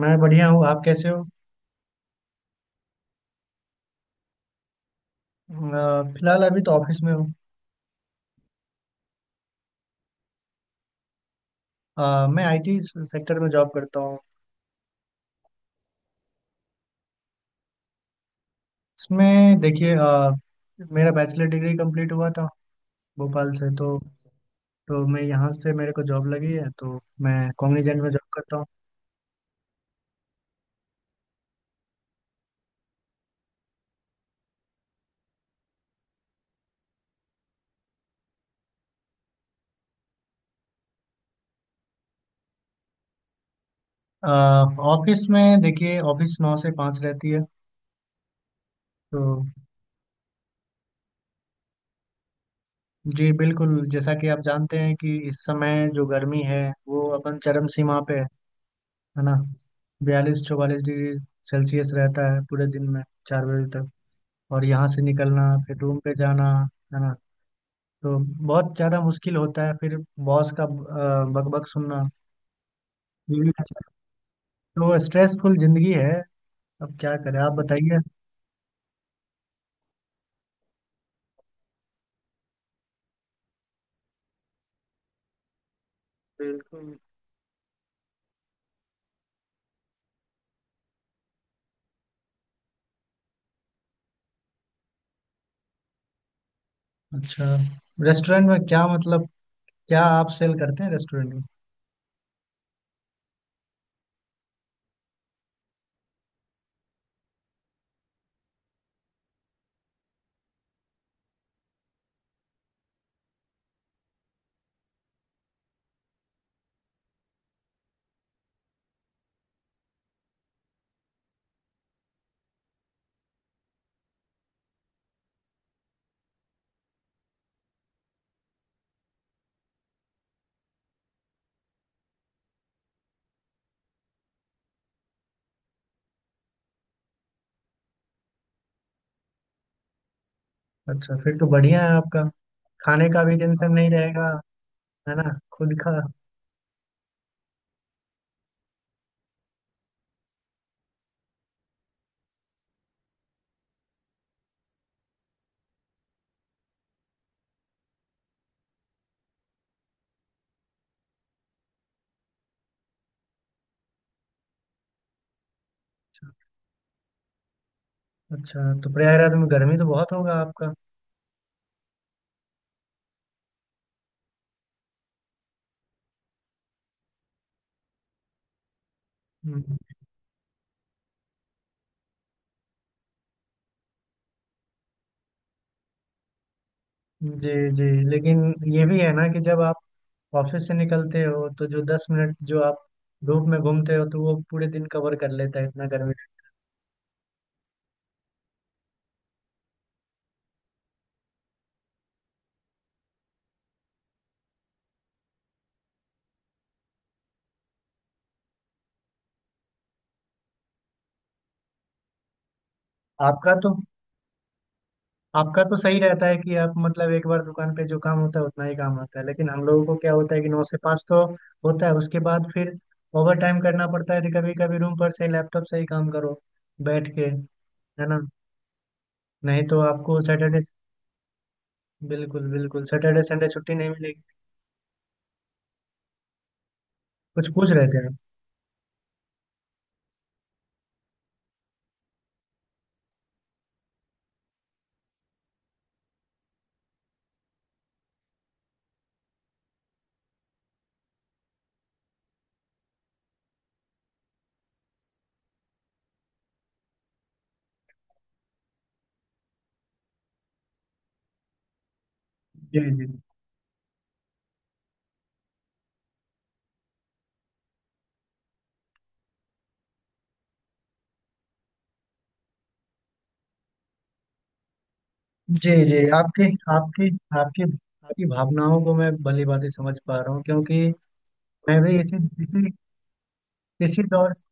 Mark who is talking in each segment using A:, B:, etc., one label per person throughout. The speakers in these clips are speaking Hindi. A: मैं बढ़िया हूँ। आप कैसे हो? फिलहाल अभी तो ऑफिस में हूँ। मैं आईटी सेक्टर में जॉब करता हूँ। इसमें देखिए, मेरा बैचलर डिग्री कंप्लीट हुआ था भोपाल से। तो मैं यहाँ से मेरे को जॉब लगी है, तो मैं कॉग्निजेंट में जॉब करता हूँ। ऑफिस में देखिए, ऑफिस 9 से 5 रहती है। तो जी बिल्कुल, जैसा कि आप जानते हैं कि इस समय जो गर्मी है वो अपन चरम सीमा पे है ना। 42 44 डिग्री सेल्सियस रहता है पूरे दिन में, 4 बजे तक। और यहाँ से निकलना फिर रूम पे जाना, है ना, तो बहुत ज़्यादा मुश्किल होता है। फिर बॉस का बकबक सुनना, बीवी का। तो स्ट्रेसफुल जिंदगी है। अब क्या करें, आप बताइए। बिल्कुल। अच्छा, रेस्टोरेंट में क्या मतलब, क्या आप सेल करते हैं रेस्टोरेंट में? अच्छा, फिर तो बढ़िया है आपका, खाने का भी टेंशन नहीं रहेगा, है ना, खुद का। अच्छा, तो प्रयागराज में गर्मी तो बहुत होगा आपका। हम्म, जी, जी। लेकिन ये भी है ना कि जब आप ऑफिस से निकलते हो तो जो 10 मिनट जो आप धूप में घूमते हो, तो वो पूरे दिन कवर कर लेता है इतना गर्मी। आपका तो आपका तो सही रहता है कि आप मतलब एक बार दुकान पे जो काम होता है उतना ही काम होता है। लेकिन हम लोगों को क्या होता है कि 9 से 5 तो होता है, उसके बाद फिर ओवर टाइम करना पड़ता है। तो कभी कभी रूम पर से लैपटॉप से ही काम करो, बैठ के, है ना। नहीं तो आपको सैटरडे। बिल्कुल बिल्कुल, सैटरडे संडे छुट्टी नहीं मिलेगी। कुछ पूछ रहे थे आप? जी जी। जी जी। आपकी आपकी आपकी आपकी भावनाओं को मैं भली भांति समझ पा रहा हूँ, क्योंकि मैं भी इसी इसी इसी दौर से।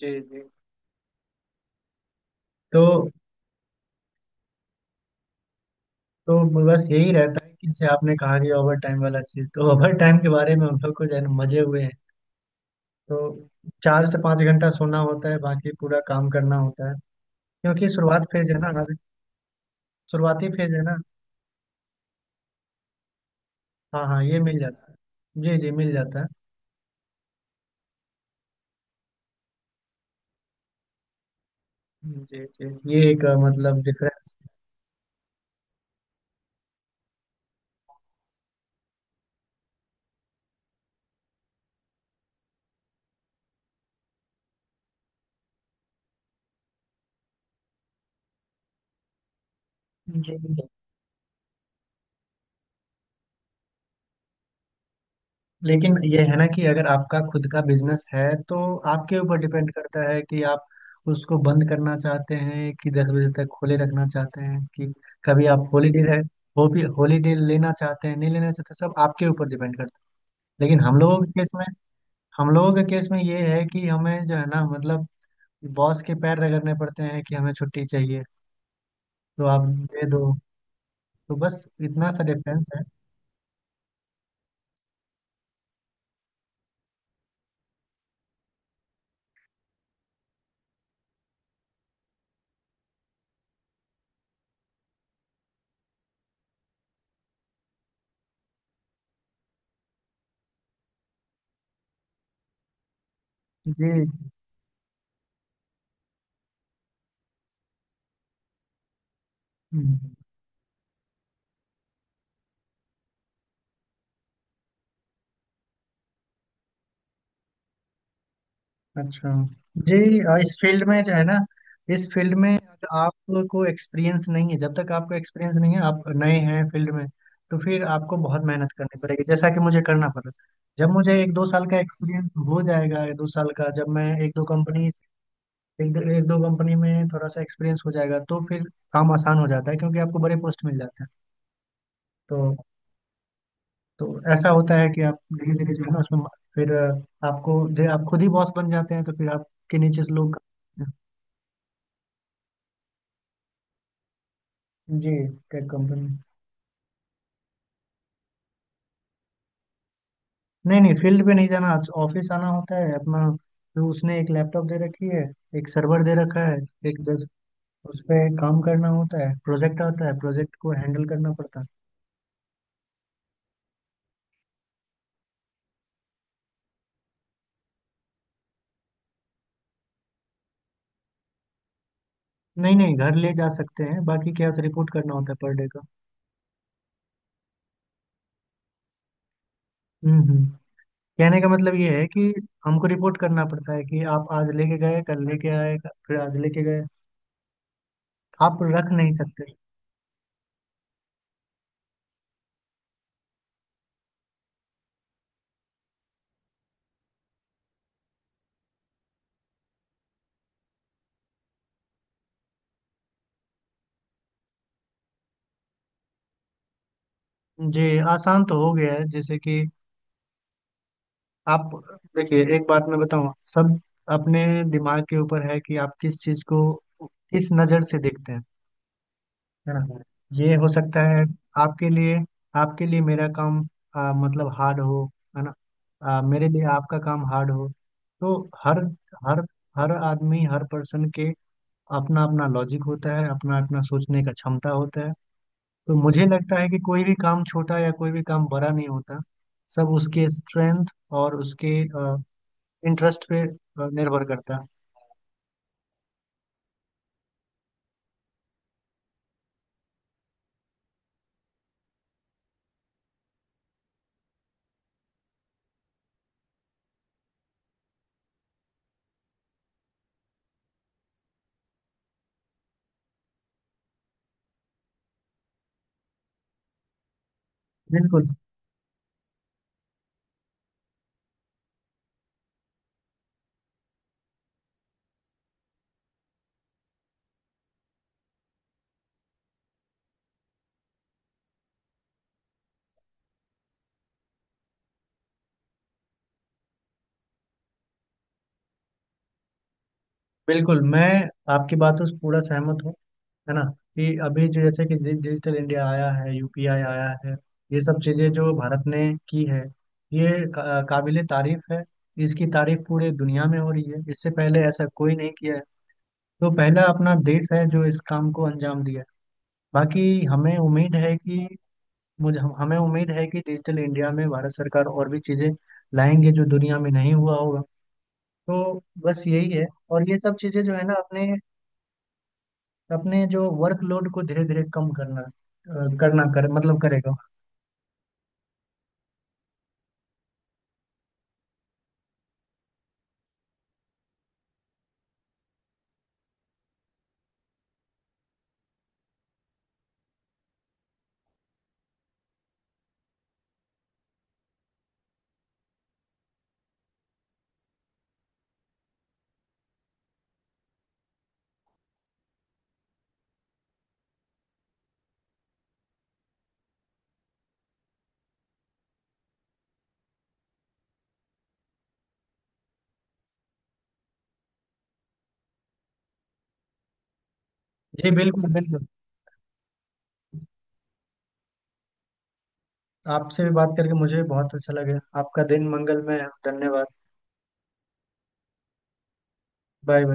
A: जी जी। तो तो बस यही रहता है कि जैसे आपने कहा कि ओवर टाइम वाला चीज, तो ओवर टाइम के बारे में हम लोग को जो है ना मजे हुए हैं। तो 4 से 5 घंटा सोना होता है, बाकी पूरा काम करना होता है। क्योंकि शुरुआत फेज है ना अभी। शुरुआती फेज है ना। हाँ हाँ, ये मिल जाता है। जी जी, मिल जाता है। जी जी, ये एक मतलब डिफरेंस। लेकिन ये है ना कि अगर आपका खुद का बिजनेस है, तो आपके ऊपर डिपेंड करता है कि आप उसको बंद करना चाहते हैं कि 10 बजे तक खोले रखना चाहते हैं, कि कभी आप हॉलीडे रहे, वो भी हॉलीडे लेना चाहते हैं, नहीं लेना चाहते। सब आपके ऊपर डिपेंड करता है। लेकिन हम लोगों के केस में हम लोगों के केस में ये है कि हमें जो है ना मतलब बॉस के पैर रगड़ने पड़ते हैं कि हमें छुट्टी चाहिए, तो आप दे दो। तो बस इतना सा डिफरेंस है। जी। हम्म। अच्छा। जी, इस फील्ड में जो है ना, इस फील्ड में अगर आपको एक्सपीरियंस नहीं है, जब तक आपको एक्सपीरियंस नहीं है आप नए हैं फील्ड में, तो फिर आपको बहुत मेहनत करनी पड़ेगी, जैसा कि मुझे करना पड़ा। जब मुझे एक दो साल का एक्सपीरियंस हो जाएगा, एक दो साल का, जब मैं एक दो कंपनी में थोड़ा सा एक्सपीरियंस हो जाएगा, तो फिर काम आसान हो जाता है क्योंकि आपको बड़े पोस्ट मिल जाते हैं। तो तो ऐसा होता है कि आप धीरे धीरे जो है ना उसमें फिर आपको आपको खुद ही बॉस बन जाते हैं, तो फिर आपके नीचे से लोग। जी, टेक कंपनी। नहीं नहीं, फील्ड पे नहीं जाना। ऑफिस आना होता है अपना, जो उसने एक लैपटॉप दे रखी है, एक सर्वर दे रखा है। एक दस, उस पे काम करना होता है, प्रोजेक्ट आता है, प्रोजेक्ट को हैंडल करना पड़ता है। नहीं नहीं, घर ले जा सकते हैं, बाकी क्या होता है रिपोर्ट करना होता है पर डे का। हम्म। कहने का मतलब ये है कि हमको रिपोर्ट करना पड़ता है कि आप आज लेके गए, कल लेके आए, फिर आज लेके गए। आप रख नहीं सकते। जी, आसान तो हो गया है, जैसे कि आप, देखिए एक बात मैं बताऊं, सब अपने दिमाग के ऊपर है कि आप किस चीज को किस नजर से देखते हैं, है ना। ये हो सकता है आपके लिए आपके लिए मेरा काम मतलब हार्ड हो, है ना, मेरे लिए आपका काम हार्ड हो। तो हर हर हर आदमी हर पर्सन के अपना अपना लॉजिक होता है, अपना अपना सोचने का क्षमता होता है। तो मुझे लगता है कि कोई भी काम छोटा या कोई भी काम बड़ा नहीं होता, सब उसके स्ट्रेंथ और उसके इंटरेस्ट पे निर्भर करता है। बिल्कुल बिल्कुल, मैं आपकी बातों से पूरा सहमत हूँ। है ना कि अभी जो जैसे कि डिजिटल इंडिया आया है, यूपीआई आया है, ये सब चीज़ें जो भारत ने की है, ये काबिले तारीफ है। इसकी तारीफ पूरे दुनिया में हो रही है, इससे पहले ऐसा कोई नहीं किया है। तो पहला अपना देश है जो इस काम को अंजाम दिया है। बाकी हमें उम्मीद है कि हमें उम्मीद है कि डिजिटल इंडिया में भारत सरकार और भी चीज़ें लाएंगे जो दुनिया में नहीं हुआ होगा। तो बस यही है। और ये सब चीजें जो है ना अपने अपने जो वर्कलोड को धीरे धीरे कम करना अ, करना कर मतलब करेगा। जी बिल्कुल बिल्कुल। आपसे भी बात करके मुझे भी बहुत अच्छा लगे। आपका दिन मंगलमय है। धन्यवाद। बाय।